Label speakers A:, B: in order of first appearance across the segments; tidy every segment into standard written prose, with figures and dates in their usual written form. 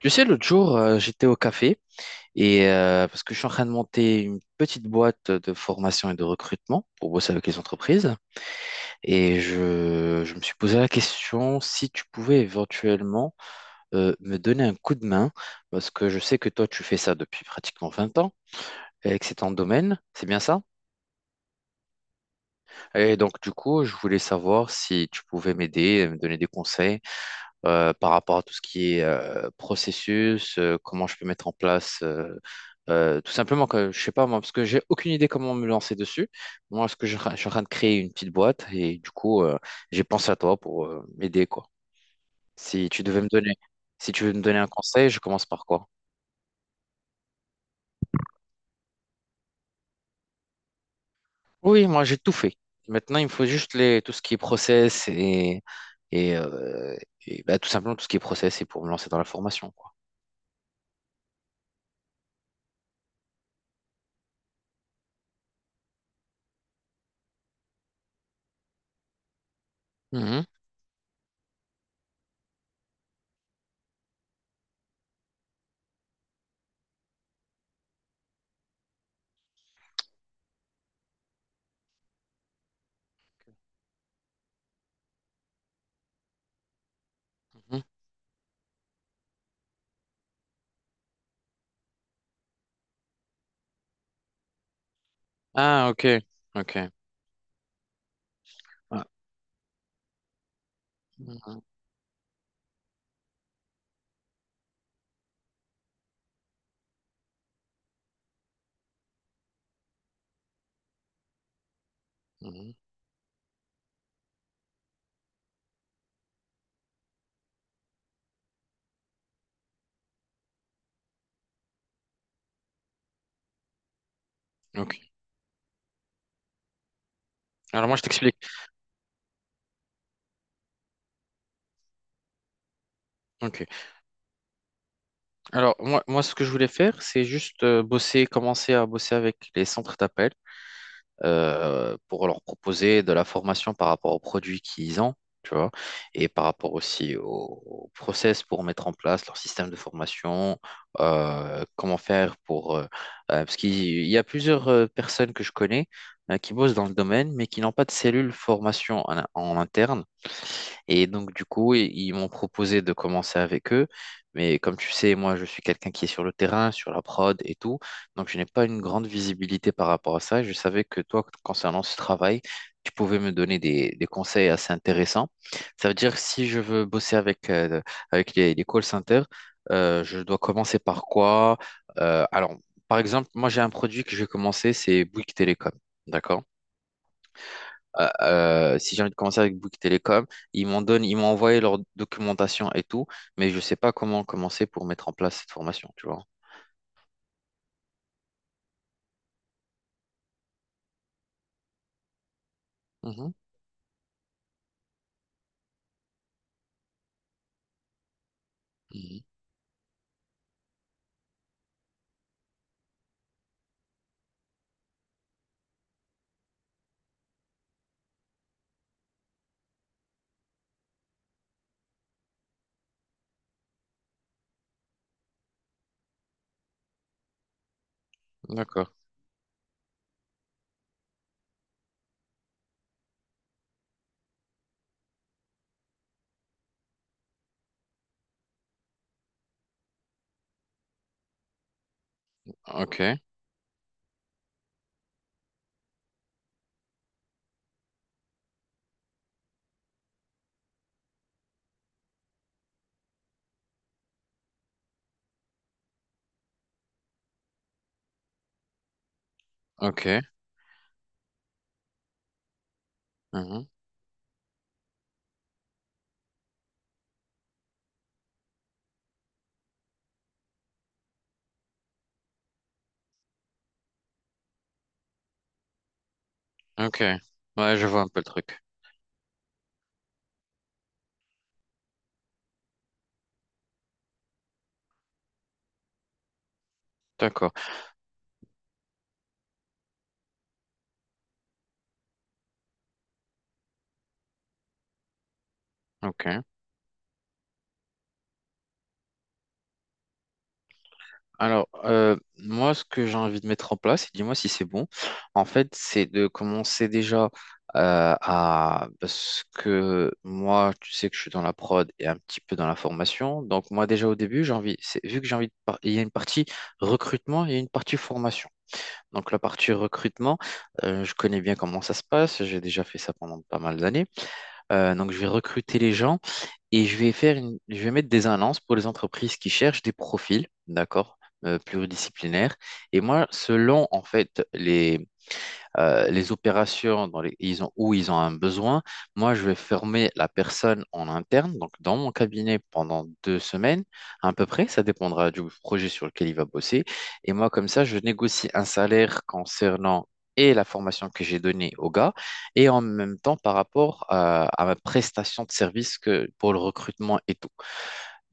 A: Tu sais, l'autre jour, j'étais au café et parce que je suis en train de monter une petite boîte de formation et de recrutement pour bosser avec les entreprises. Et je me suis posé la question si tu pouvais éventuellement me donner un coup de main, parce que je sais que toi, tu fais ça depuis pratiquement 20 ans et que c'est ton domaine, c'est bien ça? Et donc, du coup, je voulais savoir si tu pouvais m'aider, me donner des conseils, par rapport à tout ce qui est processus, comment je peux mettre en place, tout simplement que je sais pas moi, parce que j'ai aucune idée comment me lancer dessus. Moi, ce que je suis en train de créer une petite boîte et du coup, j'ai pensé à toi pour m'aider quoi. Si tu devais me donner, si tu veux me donner un conseil, je commence par quoi? Oui, moi j'ai tout fait. Maintenant, il me faut juste les, tout ce qui est process et, euh, et, bah, tout simplement tout ce qui est process et pour me lancer dans la formation quoi. Mhm, mhm. Ah, ok, ok. Ouais. Mhm. Ok. Alors moi je t'explique. Ok. Alors moi, ce que je voulais faire, c'est juste bosser, commencer à bosser avec les centres d'appel pour leur proposer de la formation par rapport aux produits qu'ils ont, tu vois, et par rapport aussi au, au process pour mettre en place leur système de formation, comment faire pour parce qu'il y a plusieurs personnes que je connais qui bossent dans le domaine, mais qui n'ont pas de cellule formation en interne. Et donc, du coup, ils m'ont proposé de commencer avec eux. Mais comme tu sais, moi, je suis quelqu'un qui est sur le terrain, sur la prod et tout. Donc, je n'ai pas une grande visibilité par rapport à ça. Je savais que toi, concernant ce travail, tu pouvais me donner des conseils assez intéressants. Ça veut dire que si je veux bosser avec, avec les call centers, je dois commencer par quoi? Alors, par exemple, moi, j'ai un produit que je vais commencer, c'est Bouygues Télécom. D'accord? Si j'ai envie de commencer avec Bouygues Télécom, ils m'en donnent, ils m'ont envoyé leur documentation et tout, mais je ne sais pas comment commencer pour mettre en place cette formation, tu vois. Mhm. Mhm. D'accord. Ok. Ok. Mhm. Ok. Ouais, je vois un peu le truc. D'accord. Ok. Alors, moi, ce que j'ai envie de mettre en place, et dis-moi si c'est bon, en fait, c'est de commencer déjà à... Parce que moi, tu sais que je suis dans la prod et un petit peu dans la formation. Donc, moi, déjà au début, j'ai envie, vu que j'ai envie de... Il y a une partie recrutement et une partie formation. Donc, la partie recrutement, je connais bien comment ça se passe. J'ai déjà fait ça pendant pas mal d'années. Donc, je vais recruter les gens. Et je vais faire une, je vais mettre des annonces pour les entreprises qui cherchent des profils, d'accord, pluridisciplinaires. Et moi, selon en fait les opérations dans les, ils ont, où ils ont un besoin. Moi, je vais former la personne en interne, donc dans mon cabinet pendant 2 semaines à peu près. Ça dépendra du projet sur lequel il va bosser. Et moi, comme ça, je négocie un salaire concernant et la formation que j'ai donnée au gars, et en même temps par rapport à ma prestation de service que, pour le recrutement et tout.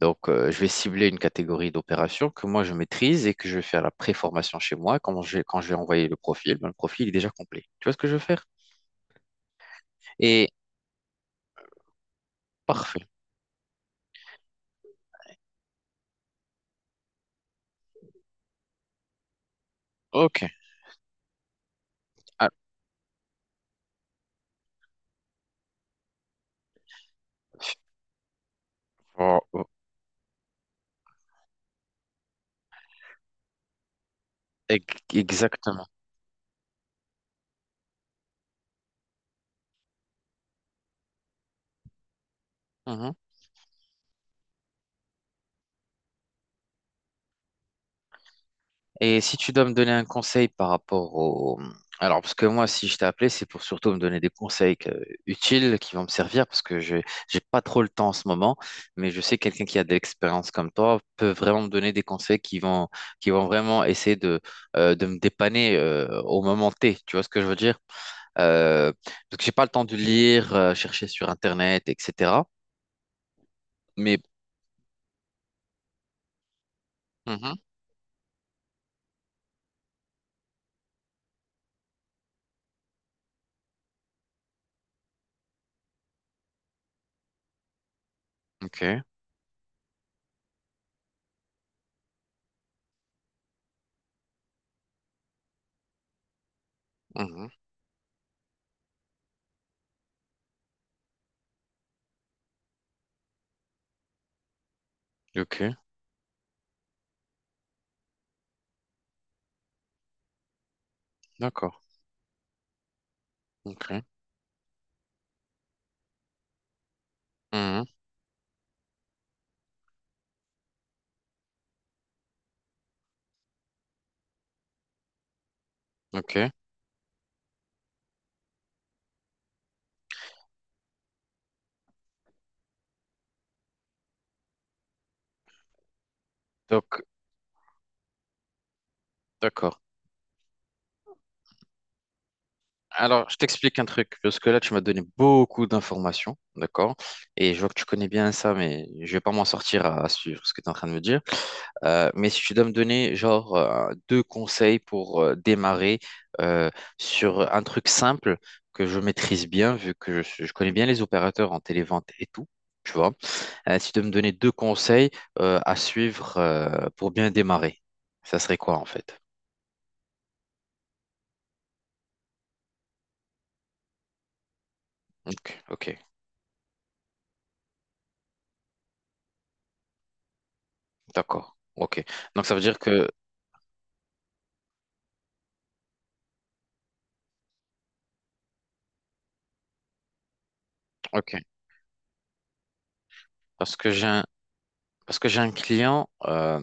A: Donc, je vais cibler une catégorie d'opérations que moi je maîtrise et que je vais faire la préformation chez moi. Quand quand je vais envoyer le profil, ben, le profil est déjà complet. Tu vois ce que je veux faire? Et parfait. OK. Ah, oh, oh, exactement. Mhm. Et si tu dois me donner un conseil par rapport au... Alors, parce que moi, si je t'ai appelé, c'est pour surtout me donner des conseils utiles qui vont me servir, parce que je j'ai pas trop le temps en ce moment, mais je sais que quelqu'un qui a de l'expérience comme toi peut vraiment me donner des conseils qui vont vraiment essayer de me dépanner au moment T. Tu vois ce que je veux dire? Euh, Parce que j'ai pas le temps de lire, chercher sur Internet, etc. Mais... Mhm. Ok. Mhm. Ok. D'accord. Ok. Mhm. Ok. Donc, d'accord. Alors, je t'explique un truc, parce que là, tu m'as donné beaucoup d'informations, d'accord? Et je vois que tu connais bien ça, mais je vais pas m'en sortir à suivre ce que tu es en train de me dire. Mais si tu dois me donner, genre, deux conseils pour démarrer euh, sur un truc simple que je maîtrise bien, vu que je connais bien les opérateurs en télévente et tout, tu vois. Si tu dois me donner deux conseils à suivre pour bien démarrer, ça serait quoi, en fait? Ok, ok, d'accord. Ok. Donc, ça veut dire que... Ok. Parce que j'ai un, parce que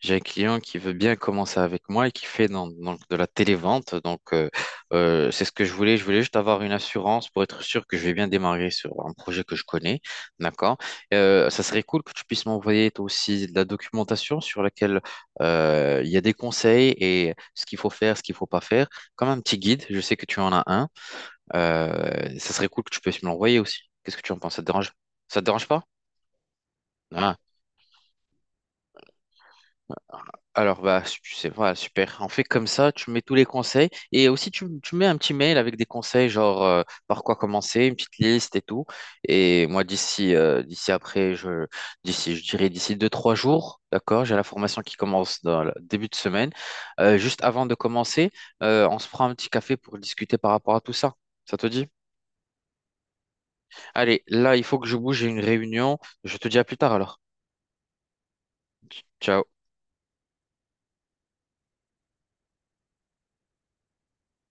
A: j'ai un client qui veut bien commencer avec moi et qui fait donc de la télévente. Donc, c'est ce que je voulais. Je voulais juste avoir une assurance pour être sûr que je vais bien démarrer sur un projet que je connais. D'accord? Ça serait cool que tu puisses m'envoyer toi aussi de la documentation sur laquelle il y a des conseils et ce qu'il faut faire, ce qu'il faut pas faire, comme un petit guide. Je sais que tu en as un. Ça serait cool que tu puisses me l'envoyer aussi. Qu'est-ce que tu en penses? Ça te dérange? Ça te dérange pas? Ah. Alors, bah, c'est voilà, super. On fait comme ça, tu mets tous les conseils. Et aussi, tu mets un petit mail avec des conseils, genre par quoi commencer, une petite liste et tout. Et moi, d'ici d'ici après, d'ici, je dirais d'ici 2, 3 jours, d'accord, j'ai la formation qui commence dans le début de semaine. Juste avant de commencer, on se prend un petit café pour discuter par rapport à tout ça. Ça te dit? Allez, là, il faut que je bouge, j'ai une réunion. Je te dis à plus tard alors. Ciao.